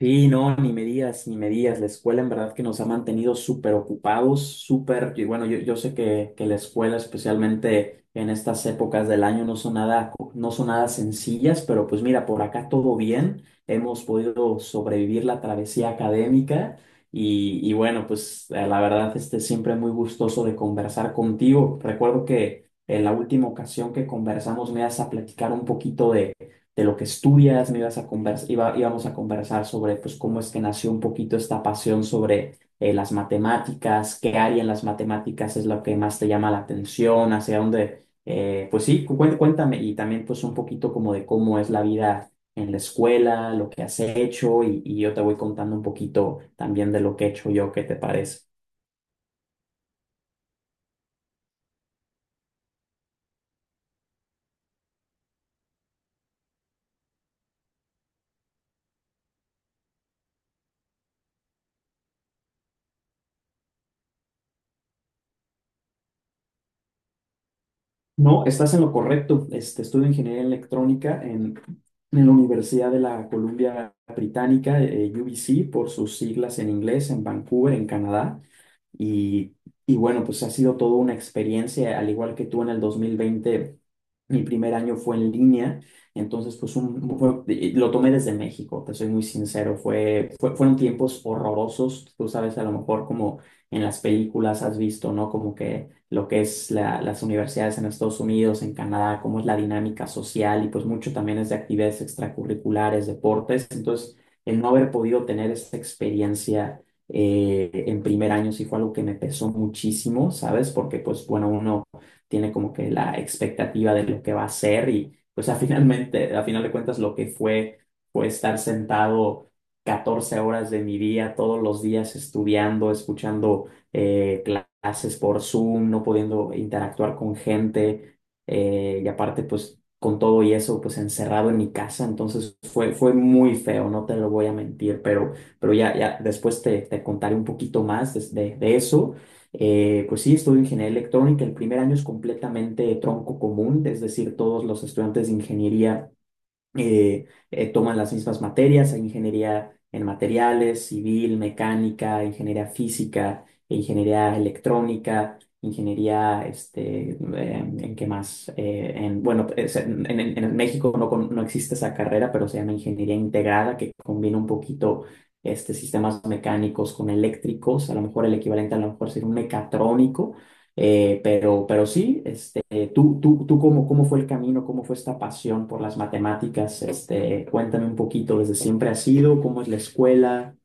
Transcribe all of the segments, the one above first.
Sí, no, ni me digas, ni me digas. La escuela en verdad que nos ha mantenido súper ocupados, súper, y bueno, yo sé que la escuela, especialmente en estas épocas del año, no son nada sencillas, pero pues mira, por acá todo bien. Hemos podido sobrevivir la travesía académica y bueno, pues la verdad, siempre muy gustoso de conversar contigo. Recuerdo que en la última ocasión que conversamos me ibas a platicar un poquito de lo que estudias, me ibas a convers- iba- íbamos a conversar sobre pues, cómo es que nació un poquito esta pasión sobre las matemáticas, qué área en las matemáticas es lo que más te llama la atención, hacia dónde, pues sí, cuéntame, y también pues un poquito como de cómo es la vida en la escuela, lo que has hecho y yo te voy contando un poquito también de lo que he hecho yo. ¿Qué te parece? No, estás en lo correcto. Estudio ingeniería electrónica en la Universidad de la Columbia Británica, UBC, por sus siglas en inglés, en Vancouver, en Canadá. Y, y bueno, pues ha sido toda una experiencia. Al igual que tú, en el 2020 mi primer año fue en línea. Entonces pues lo tomé desde México, te soy muy sincero. Fue, fue- fueron tiempos horrorosos, tú sabes, a lo mejor como en las películas has visto, ¿no? Como que lo que es las universidades en Estados Unidos, en Canadá, cómo es la dinámica social y pues mucho también es de actividades extracurriculares, deportes. Entonces el no haber podido tener esa experiencia en primer año sí fue algo que me pesó muchísimo, ¿sabes? Porque pues bueno, uno tiene como que la expectativa de lo que va a ser, y pues a finalmente, a final de cuentas, lo que fue, fue estar sentado 14 horas de mi día todos los días, estudiando, escuchando eh, clases por Zoom, no pudiendo interactuar con gente, y aparte pues con todo y eso pues encerrado en mi casa. Entonces fue muy feo, no te lo voy a mentir, pero ya, ya después te contaré un poquito más de eso. Pues sí, estudio ingeniería electrónica. El primer año es completamente tronco común, es decir, todos los estudiantes de ingeniería eh, toman las mismas materias. Hay ingeniería en materiales, civil, mecánica, ingeniería física, ingeniería electrónica, ingeniería, ¿en qué más? Bueno, en México no, no existe esa carrera, pero se llama ingeniería integrada, que combina un poquito sistemas mecánicos con eléctricos. A lo mejor el equivalente a lo mejor sería un mecatrónico. Pero sí, tú, cómo fue el camino, cómo fue esta pasión por las matemáticas? Cuéntame un poquito. ¿Desde siempre ha sido? ¿Cómo es la escuela?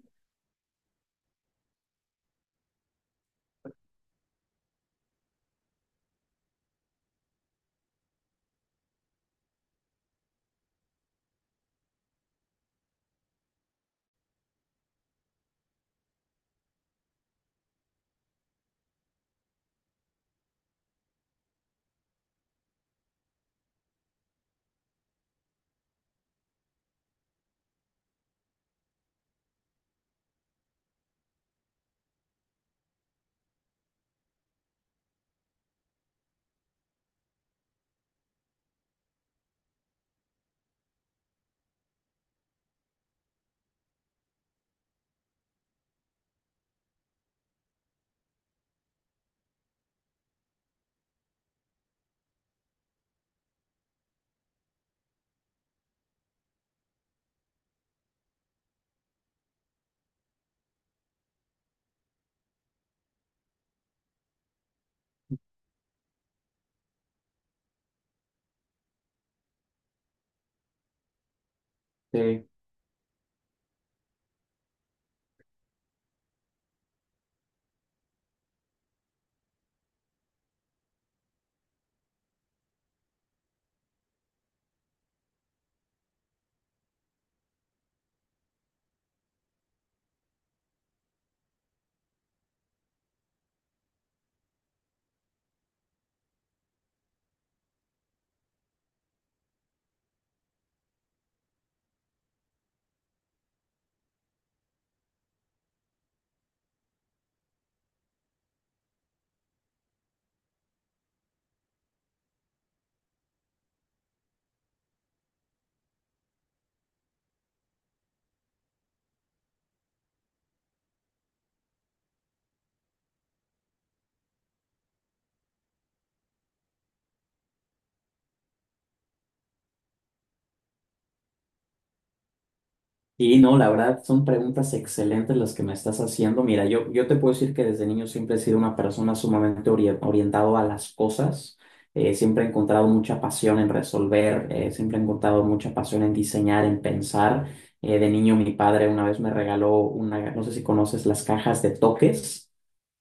Y no, la verdad son preguntas excelentes las que me estás haciendo. Mira, yo te puedo decir que desde niño siempre he sido una persona sumamente orientado a las cosas. Siempre he encontrado mucha pasión en resolver, siempre he encontrado mucha pasión en diseñar, en pensar. De niño mi padre una vez me regaló una, no sé si conoces, las cajas de toques,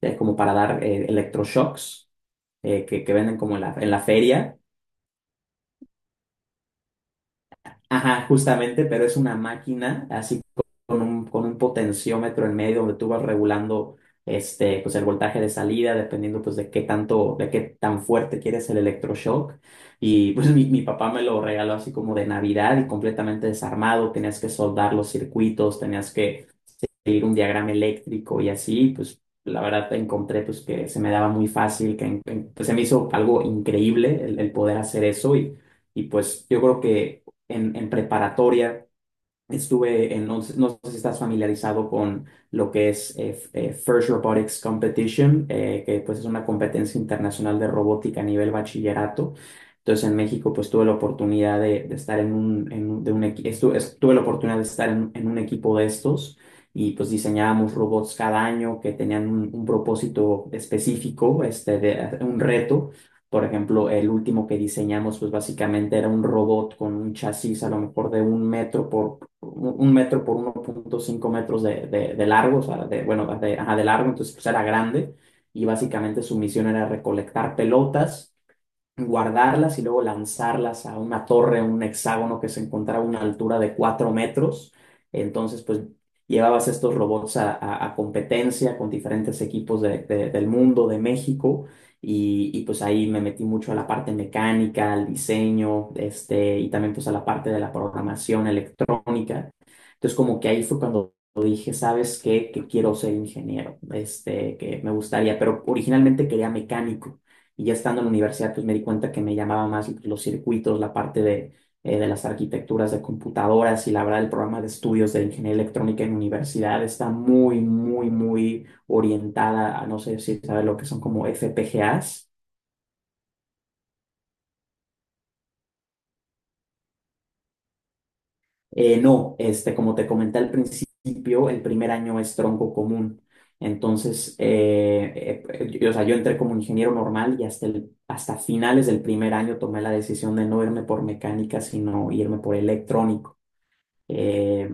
como para dar electroshocks, que venden como en la feria. Ajá, justamente. Pero es una máquina así con un potenciómetro en medio donde tú vas regulando pues el voltaje de salida, dependiendo pues de qué tanto, de qué tan fuerte quieres el electroshock. Y pues mi papá me lo regaló así como de Navidad y completamente desarmado. Tenías que soldar los circuitos, tenías que seguir un diagrama eléctrico y así. Pues la verdad encontré pues que se me daba muy fácil, pues, se me hizo algo increíble el poder hacer eso. Y pues yo creo que en preparatoria. No, no sé si estás familiarizado con lo que es FIRST Robotics Competition, que pues es una competencia internacional de robótica a nivel bachillerato. Entonces en México pues tuve la oportunidad de estar en un- de un equi- estu- es- tuve la oportunidad de estar en un equipo de estos, y pues diseñábamos robots cada año que tenían un propósito específico, un reto. Por ejemplo, el último que diseñamos, pues básicamente era un robot con un chasis a lo mejor de un metro por 1.5 metros de largo, o sea, bueno, ajá, de largo. Entonces pues era grande, y básicamente su misión era recolectar pelotas, guardarlas y luego lanzarlas a una torre, un hexágono que se encontraba a una altura de 4 metros. Entonces, pues llevabas estos robots a competencia con diferentes equipos del mundo, de México, pues ahí me metí mucho a la parte mecánica, al diseño, y también pues a la parte de la programación electrónica. Entonces, como que ahí fue cuando dije, ¿sabes qué? Que quiero ser ingeniero, que me gustaría, pero originalmente quería mecánico. Y ya estando en la universidad, pues me di cuenta que me llamaba más los circuitos, la parte de las arquitecturas de computadoras, y la verdad el programa de estudios de ingeniería electrónica en la universidad está muy, muy, muy orientada a, no sé si sabes lo que son, como FPGAs. No, como te comenté al principio, el primer año es tronco común. Entonces, yo, o sea, yo entré como ingeniero normal, y hasta, hasta finales del primer año tomé la decisión de no irme por mecánica, sino irme por electrónico. Eh,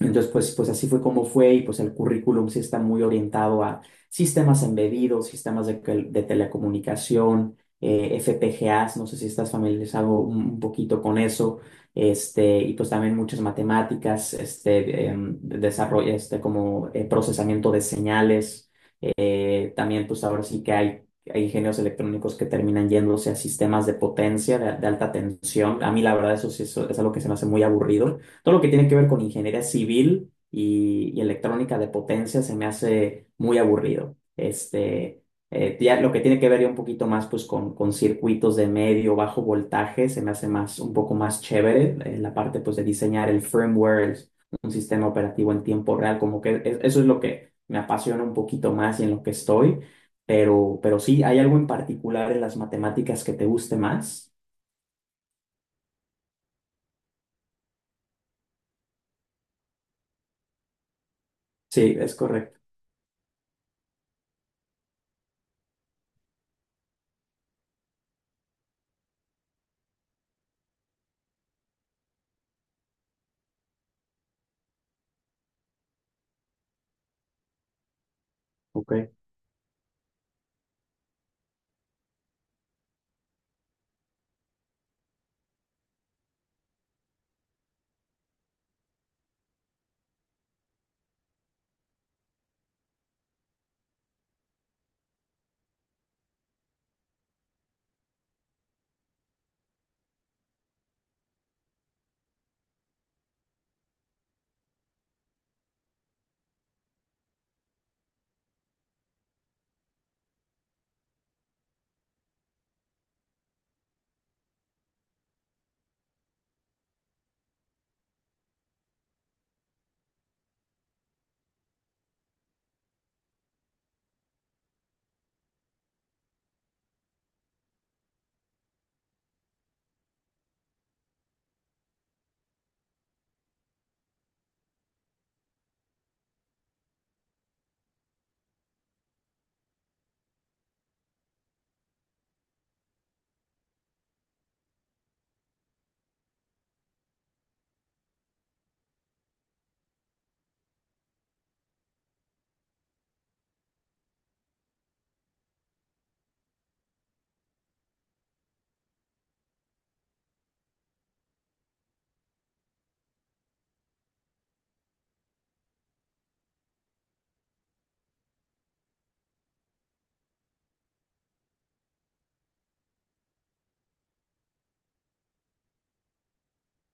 entonces, pues así fue como fue, y pues el currículum sí está muy orientado a sistemas embebidos, sistemas de telecomunicación, FPGAs, no sé si estás familiarizado un poquito con eso, y pues también muchas matemáticas, desarrollo, como procesamiento de señales. También, pues ahora sí que hay ingenios electrónicos que terminan yéndose a sistemas de potencia, de alta tensión. A mí, la verdad, eso sí, eso es algo que se me hace muy aburrido. Todo lo que tiene que ver con ingeniería civil y electrónica de potencia se me hace muy aburrido. Ya lo que tiene que ver ya un poquito más, pues, con circuitos de medio, bajo voltaje, se me hace más, un poco más chévere. La parte, pues, de diseñar el firmware, un sistema operativo en tiempo real, como que eso es lo que me apasiona un poquito más y en lo que estoy. Pero sí, ¿hay algo en particular en las matemáticas que te guste más? Sí, es correcto. Ok.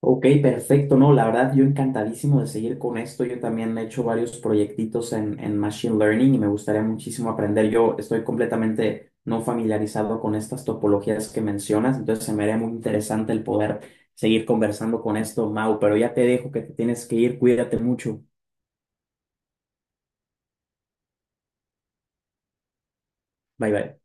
Ok, perfecto. No, la verdad, yo encantadísimo de seguir con esto. Yo también he hecho varios proyectitos en Machine Learning y me gustaría muchísimo aprender. Yo estoy completamente no familiarizado con estas topologías que mencionas, entonces se me haría muy interesante el poder seguir conversando con esto, Mau, pero ya te dejo que te tienes que ir. Cuídate mucho. Bye, bye.